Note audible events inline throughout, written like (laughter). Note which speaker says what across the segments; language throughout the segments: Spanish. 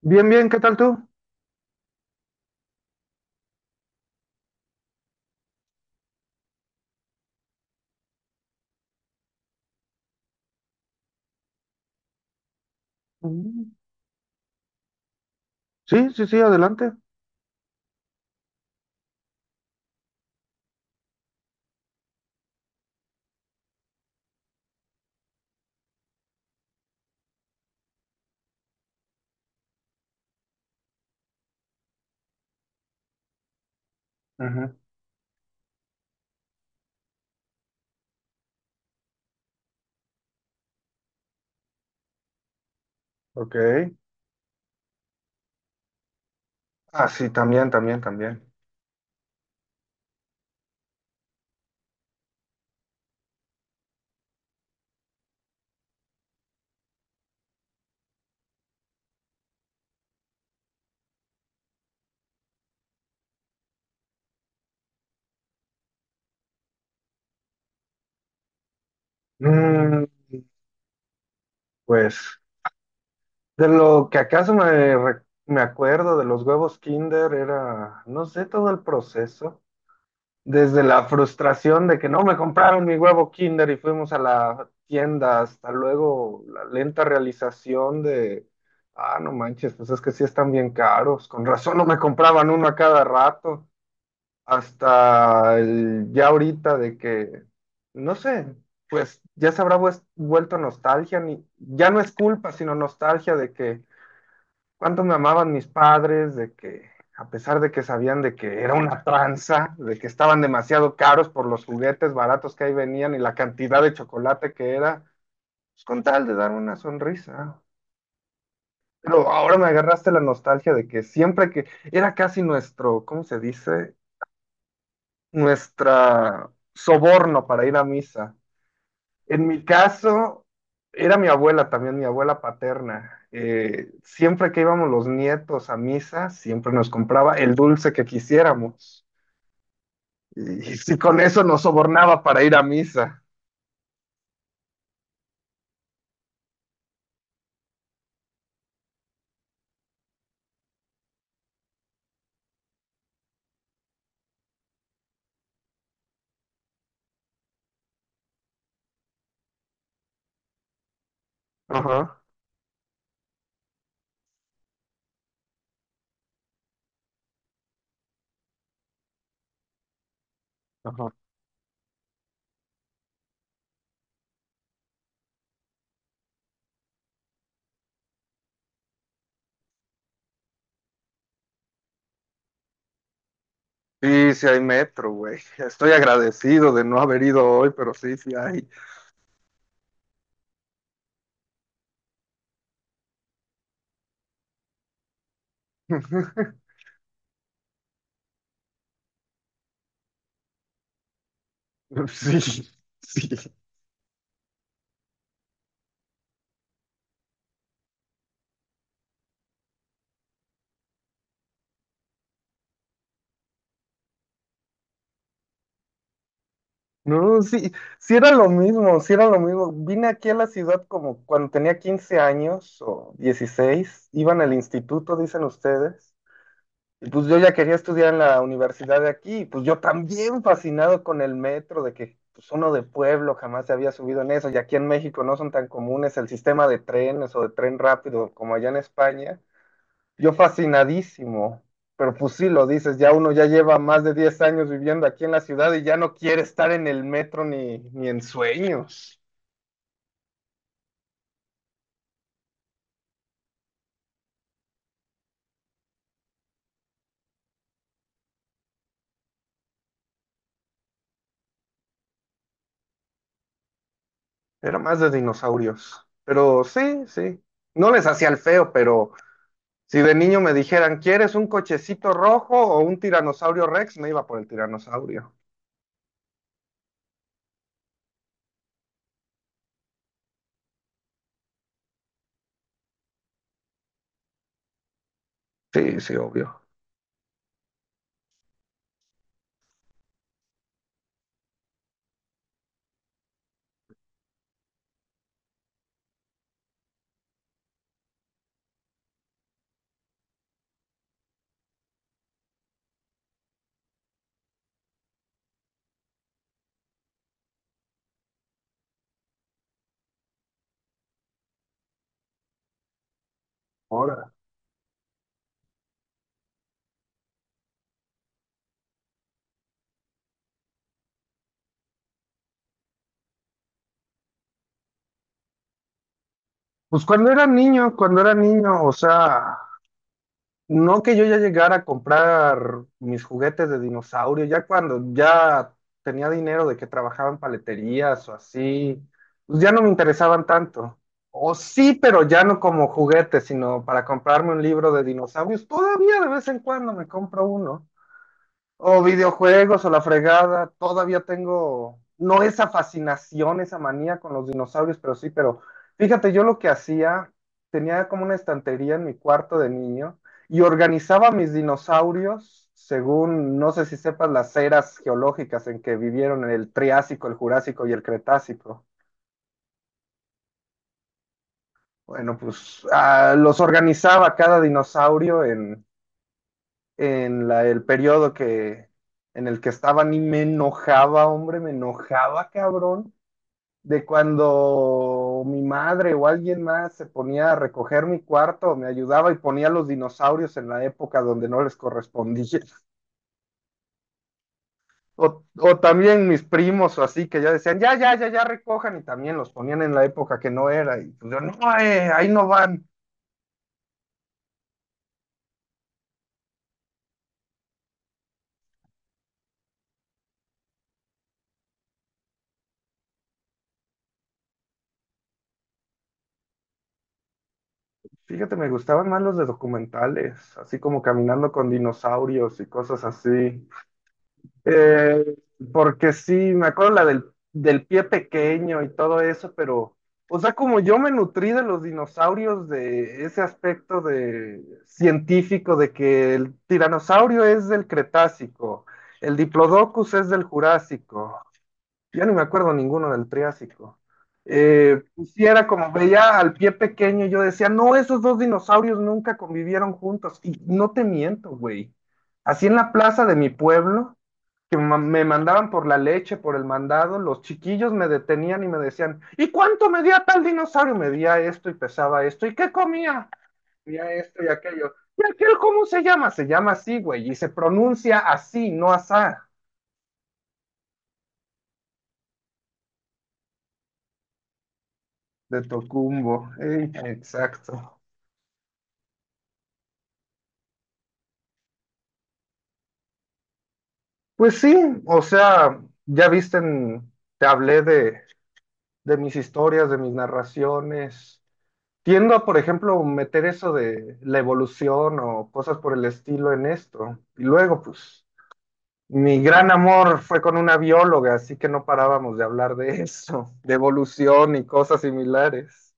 Speaker 1: Bien, bien, ¿qué tal tú? Mm. Sí, sí, sí, adelante. Ujú. Ok. Ah, sí, también, también, también. Mm, pues, de lo que acaso me acuerdo de los huevos Kinder era, no sé, todo el proceso. Desde la frustración de que no me compraron mi huevo Kinder y fuimos a la tienda, hasta luego la lenta realización de, ah, no manches, pues es que sí están bien caros, con razón no me compraban uno a cada rato. Hasta ya ahorita de que, no sé, pues ya se habrá vuelto nostalgia, ni, ya no es culpa, sino nostalgia de que cuánto me amaban mis padres, de que a pesar de que sabían de que era una tranza, de que estaban demasiado caros por los juguetes baratos que ahí venían y la cantidad de chocolate que era, pues con tal de dar una sonrisa. Pero ahora me agarraste la nostalgia de que siempre que era casi nuestro, ¿cómo se dice? Nuestra soborno para ir a misa. En mi caso, era mi abuela también, mi abuela paterna. Siempre que íbamos los nietos a misa, siempre nos compraba el dulce que quisiéramos. Y, (laughs) y si con eso nos sobornaba para ir a misa. Ajá, ajá. Sí, sí hay metro, güey. Estoy agradecido de no haber ido hoy, pero sí, sí hay. (laughs) Sí, sí. No, sí, sí era lo mismo, sí era lo mismo. Vine aquí a la ciudad como cuando tenía 15 años o 16. Iban al instituto, dicen ustedes, y pues yo ya quería estudiar en la universidad de aquí, y pues yo también fascinado con el metro, de que pues uno de pueblo jamás se había subido en eso, y aquí en México no son tan comunes el sistema de trenes o de tren rápido como allá en España. Yo fascinadísimo, pero pues sí lo dices, ya uno ya lleva más de 10 años viviendo aquí en la ciudad y ya no quiere estar en el metro ni en sueños. Era más de dinosaurios. Pero sí, sí. No les hacía el feo, pero si de niño me dijeran, ¿quieres un cochecito rojo o un tiranosaurio Rex? Me iba por el tiranosaurio. Sí, sí, obvio. Ahora. Pues cuando era niño, o sea, no que yo ya llegara a comprar mis juguetes de dinosaurio, ya cuando ya tenía dinero de que trabajaba en paleterías o así, pues ya no me interesaban tanto. O sí, pero ya no como juguetes, sino para comprarme un libro de dinosaurios. Todavía de vez en cuando me compro uno. O videojuegos o la fregada, todavía tengo, no esa fascinación, esa manía con los dinosaurios, pero sí, pero fíjate, yo lo que hacía, tenía como una estantería en mi cuarto de niño y organizaba mis dinosaurios según, no sé si sepas, las eras geológicas en que vivieron en el Triásico, el Jurásico y el Cretácico. Bueno, pues los organizaba cada dinosaurio en el periodo que, en el que estaban y me enojaba, hombre, me enojaba, cabrón, de cuando mi madre o alguien más se ponía a recoger mi cuarto, me ayudaba y ponía los dinosaurios en la época donde no les correspondía. (laughs) O también mis primos o así que ya decían, ya, ya, ya, ya recojan y también los ponían en la época que no era. Y pues yo, no, ahí no van. Fíjate, me gustaban más los de documentales, así como caminando con dinosaurios y cosas así. Eh, Porque sí, me acuerdo la del pie pequeño y todo eso, pero, o sea, como yo me nutrí de los dinosaurios, de ese aspecto de científico, de que el tiranosaurio es del Cretácico, el Diplodocus es del Jurásico, ya ni me acuerdo ninguno del Triásico. Pues sí, era como veía al pie pequeño, yo decía, no, esos dos dinosaurios nunca convivieron juntos, y no te miento, güey. Así en la plaza de mi pueblo que me mandaban por la leche, por el mandado, los chiquillos me detenían y me decían, ¿y cuánto medía tal dinosaurio? Medía esto y pesaba esto, ¿y qué comía? Comía esto y aquello. ¿Y aquel cómo se llama? Se llama así, güey, y se pronuncia así, no asá, de Tocumbo. Ey, exacto. Pues sí, o sea, ya viste, te hablé de mis historias, de mis narraciones, tiendo a, por ejemplo, meter eso de la evolución o cosas por el estilo en esto. Y luego, pues, mi gran amor fue con una bióloga, así que no parábamos de hablar de (laughs) eso, de evolución y cosas similares.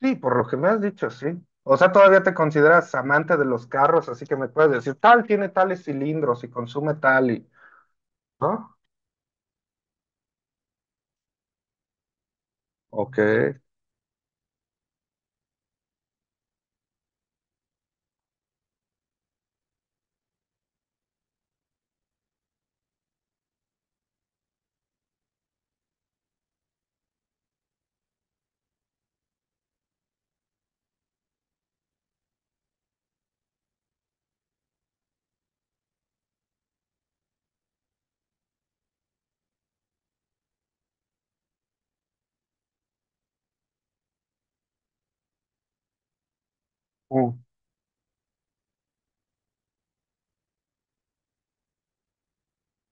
Speaker 1: Sí, por lo que me has dicho, sí. O sea, todavía te consideras amante de los carros, así que me puedes decir, tal tiene tales cilindros y consume tal y... ¿No? Ok. Mm.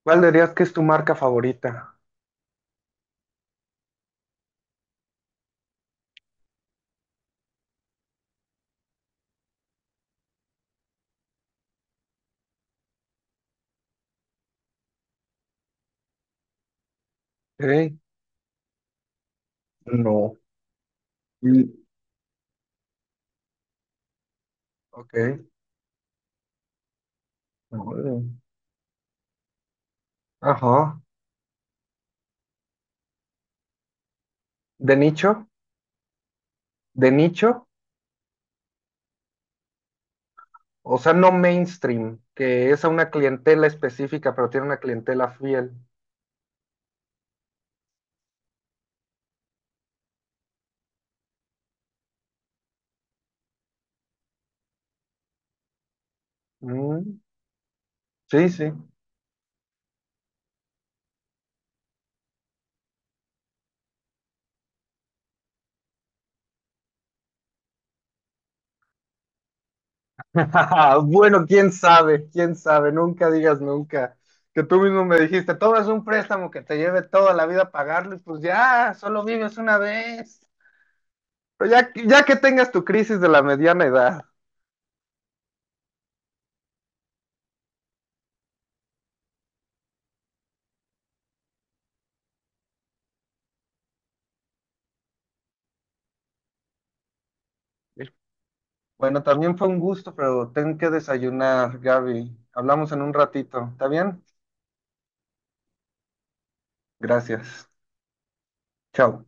Speaker 1: ¿Cuál dirías que es tu marca favorita? Ok. No. Mm. Ok. No. Ajá. De nicho, de nicho, o sea, no mainstream, que es a una clientela específica, pero tiene una clientela fiel. Mm, sí, sí. (laughs) Bueno, quién sabe, nunca digas nunca. Que tú mismo me dijiste, todo es un préstamo que te lleve toda la vida a pagarlo, y pues ya, solo vives una vez. Pero ya, ya que tengas tu crisis de la mediana edad. Bueno, también fue un gusto, pero tengo que desayunar, Gaby. Hablamos en un ratito, ¿está bien? Gracias. Chao.